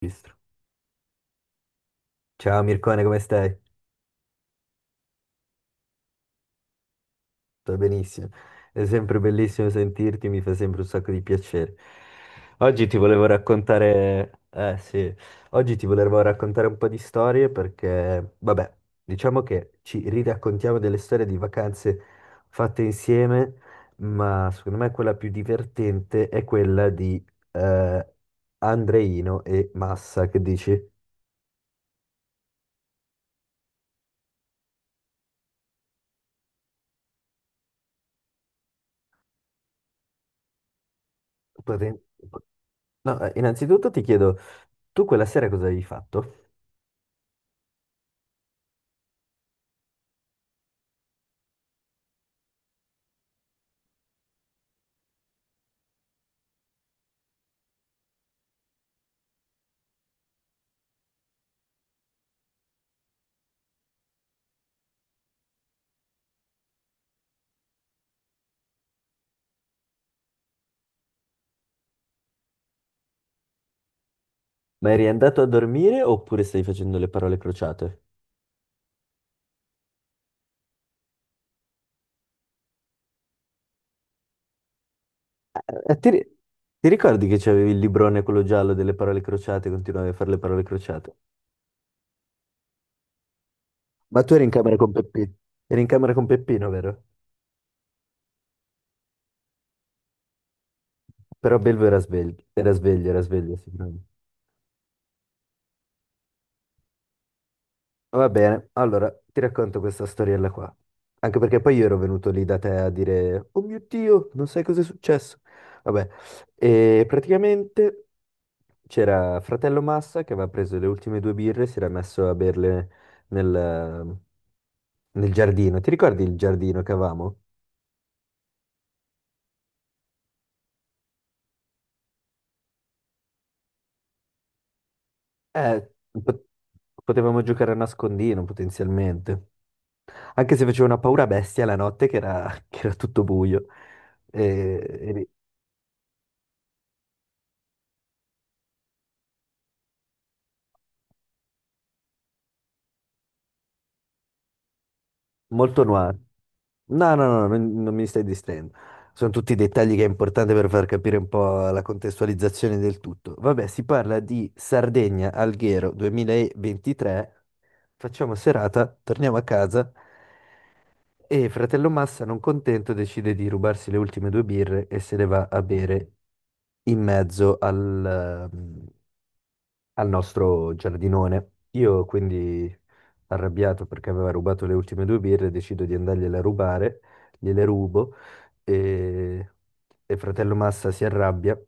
Registro. Ciao Mircone, come stai? Sto benissimo. È sempre bellissimo sentirti, mi fa sempre un sacco di piacere. Oggi ti volevo raccontare, eh sì, oggi ti volevo raccontare un po' di storie perché, vabbè, diciamo che ci riraccontiamo delle storie di vacanze fatte insieme, ma secondo me quella più divertente è quella di eh, Andreino e Massa, che dici? Poten- No, innanzitutto ti chiedo, tu quella sera cosa avevi fatto? Ma eri andato a dormire oppure stai facendo le parole crociate? Eh, ti, ri- ti ricordi che c'avevi il librone quello giallo delle parole crociate e continuavi a fare le parole crociate? Ma tu eri in camera con Peppino. Eri in camera con Peppino, vero? Però Belvo era sveglio, era sveglio, era sveglio, sicuramente. Va bene, allora ti racconto questa storiella qua. Anche perché poi io ero venuto lì da te a dire, oh mio Dio, non sai cosa è successo. Vabbè, e praticamente... C'era fratello Massa che aveva preso le ultime due birre e si era messo a berle nel, nel giardino. Ti ricordi il giardino che avevamo? Eh, po- potevamo giocare a nascondino potenzialmente. Anche se faceva una paura bestia la notte che era, che era tutto buio. E, molto noir. No, no, no, non mi stai distraendo. Sono tutti dettagli che è importante per far capire un po' la contestualizzazione del tutto. Vabbè, si parla di Sardegna Alghero 2023. Facciamo serata, torniamo a casa e fratello Massa, non contento, decide di rubarsi le ultime due birre e se le va a bere in mezzo al al nostro giardinone. Io quindi, arrabbiato perché aveva rubato le ultime due birre, decido di andargliele a rubare, gliele rubo e, e fratello Massa si arrabbia,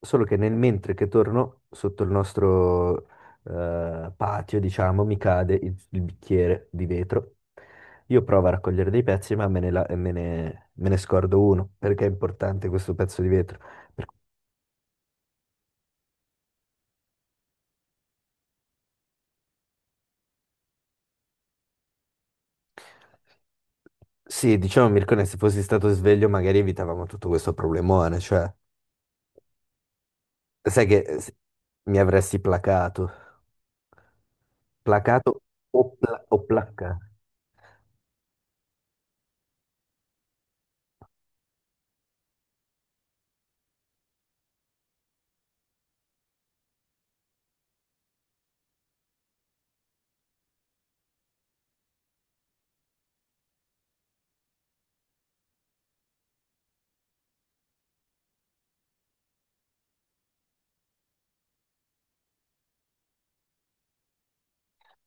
solo che nel mentre che torno sotto il nostro patio, diciamo, mi cade il bicchiere di vetro. Io provo a raccogliere dei pezzi, ma me ne, la- me ne scordo uno, perché è importante questo pezzo di vetro. Sì, diciamo Mircone, se fossi stato sveglio magari evitavamo tutto questo problemone, cioè, sai che mi avresti placato, placato o placcato.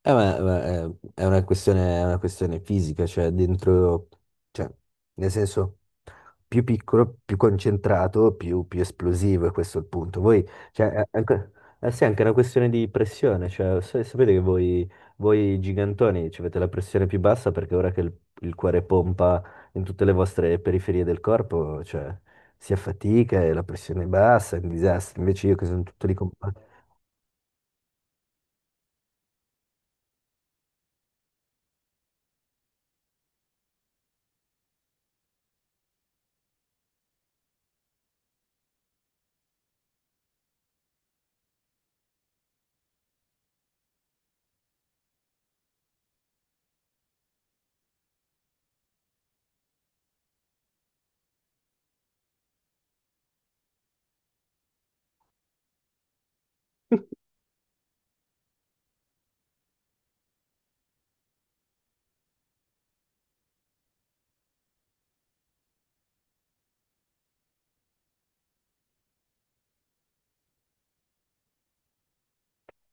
È una questione fisica, cioè dentro, cioè, nel senso, più piccolo, più concentrato, più, più esplosivo, e questo è il punto. Voi, cioè, è anche, eh sì, è anche una questione di pressione, cioè, sapete che voi, voi gigantoni ci avete la pressione più bassa perché ora che il cuore pompa in tutte le vostre periferie del corpo, cioè, si affatica e la pressione è bassa, è un disastro. Invece io che sono tutto lì con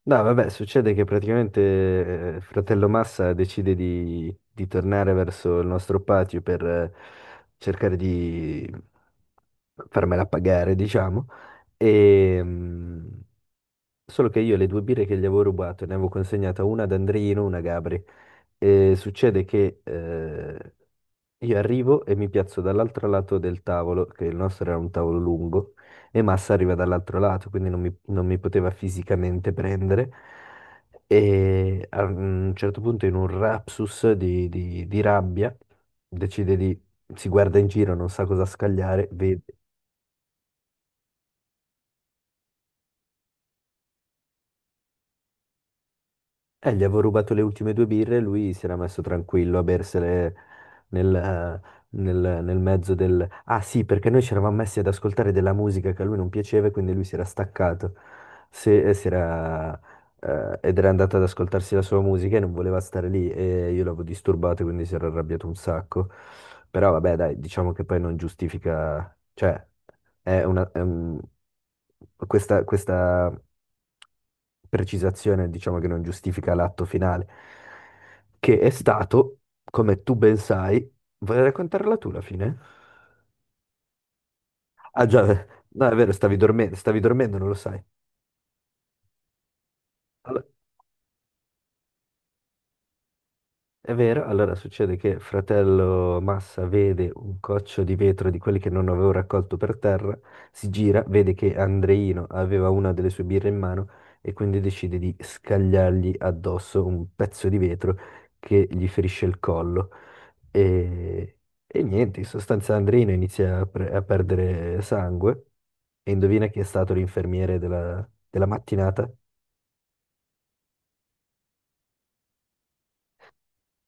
no, vabbè, succede che praticamente fratello Massa decide di tornare verso il nostro patio per cercare di farmela pagare, diciamo. E, mm, solo che io le due birre che gli avevo rubato, ne avevo consegnata una ad Andrino, una a Gabri. E succede che io arrivo e mi piazzo dall'altro lato del tavolo, che il nostro era un tavolo lungo, e Massa arriva dall'altro lato, quindi non mi, non mi poteva fisicamente prendere. E a un certo punto, in un rapsus di rabbia, decide di... si guarda in giro, non sa cosa scagliare, vede eh, gli avevo rubato le ultime due birre e lui si era messo tranquillo a bersele nel, eh, nel mezzo del... Ah sì, perché noi ci eravamo messi ad ascoltare della musica che a lui non piaceva e quindi lui si era staccato e si era, ed era andato ad ascoltarsi la sua musica e non voleva stare lì e io l'avevo disturbato quindi si era arrabbiato un sacco. Però vabbè, dai, diciamo che poi non giustifica... cioè... È una, è un- questa precisazione, diciamo che non giustifica l'atto finale, che è stato, come tu ben sai, vuoi raccontarla tu la fine? Ah già, no, è vero, stavi dormendo, non lo sai. Allora, è vero, allora succede che fratello Massa vede un coccio di vetro di quelli che non avevo raccolto per terra, si gira, vede che Andreino aveva una delle sue birre in mano e quindi decide di scagliargli addosso un pezzo di vetro che gli ferisce il collo. E, e niente, in sostanza Andreino inizia a perdere sangue e indovina chi è stato l'infermiere della della mattinata?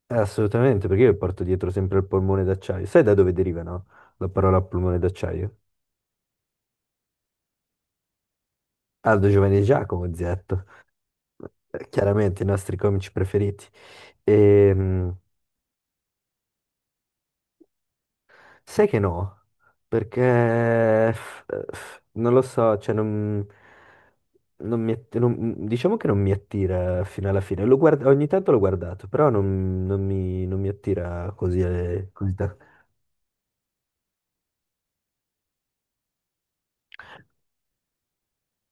Assolutamente, perché io porto dietro sempre il polmone d'acciaio. Sai da dove deriva, no? La parola polmone d'acciaio? Aldo Giovanni e Giacomo Zetto. Chiaramente i nostri comici preferiti. Ehm, sai che no? Perché non lo so, cioè non, diciamo che non mi attira fino alla fine. Ogni tanto l'ho guardato, però non, non mi attira così, così tanto.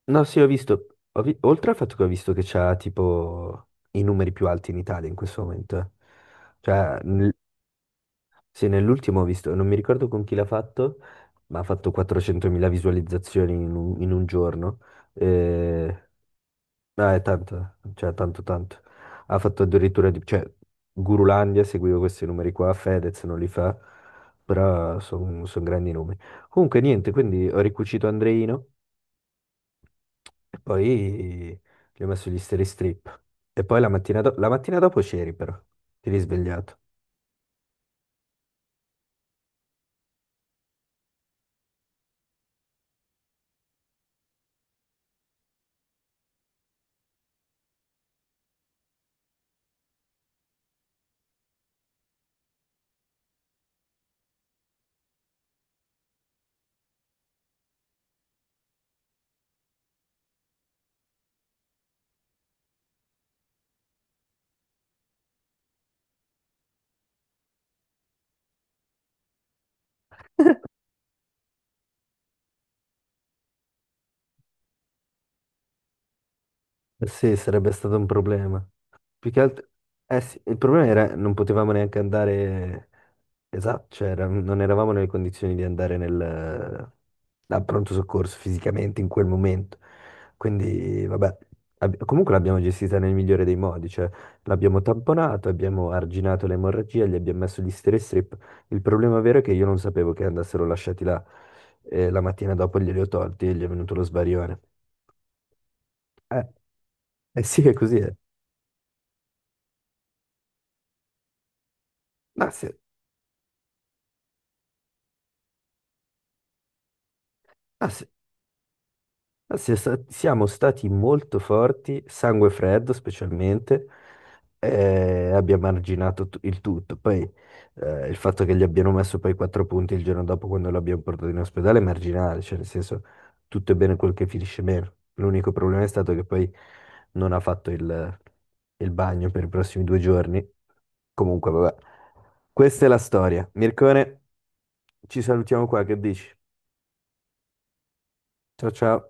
No, sì, ho visto, oltre al fatto che ho visto che c'ha tipo i numeri più alti in Italia in questo momento, eh. cioè nel- sì, nell'ultimo ho visto, non mi ricordo con chi l'ha fatto, ma ha fatto 400.000 visualizzazioni in un giorno, eh, no, è tanto, cioè tanto tanto, ha fatto addirittura, cioè Gurulandia, seguivo questi numeri qua, Fedez non li fa, però sono grandi numeri. Comunque niente, quindi ho ricucito Andreino. E poi gli ho messo gli steri strip. E poi la mattina, la mattina dopo c'eri però, ti risvegliato. Eh sì, sarebbe stato un problema. Più che altro... Eh sì, il problema era non potevamo neanche andare. Esatto, cioè, non eravamo nelle condizioni di andare al pronto soccorso fisicamente in quel momento. Quindi, vabbè, comunque l'abbiamo gestita nel migliore dei modi, cioè l'abbiamo tamponato, abbiamo arginato l'emorragia, gli abbiamo messo gli stere strip. Il problema vero è che io non sapevo che andassero lasciati là. E la mattina dopo glieli ho tolti e gli è venuto lo sbarione. Eh, eh sì, è così. Eh. Ah, sì. Ah, sì. Siamo stati molto forti, sangue freddo specialmente, e abbiamo arginato il tutto. Poi il fatto che gli abbiano messo poi 4 punti il giorno dopo quando l'abbiamo portato in ospedale è marginale, cioè nel senso tutto è bene quel che finisce bene. L'unico problema è stato che poi non ha fatto il bagno per i prossimi 2 giorni. Comunque, vabbè, questa è la storia. Mircone, ci salutiamo qua, che dici? Ciao ciao.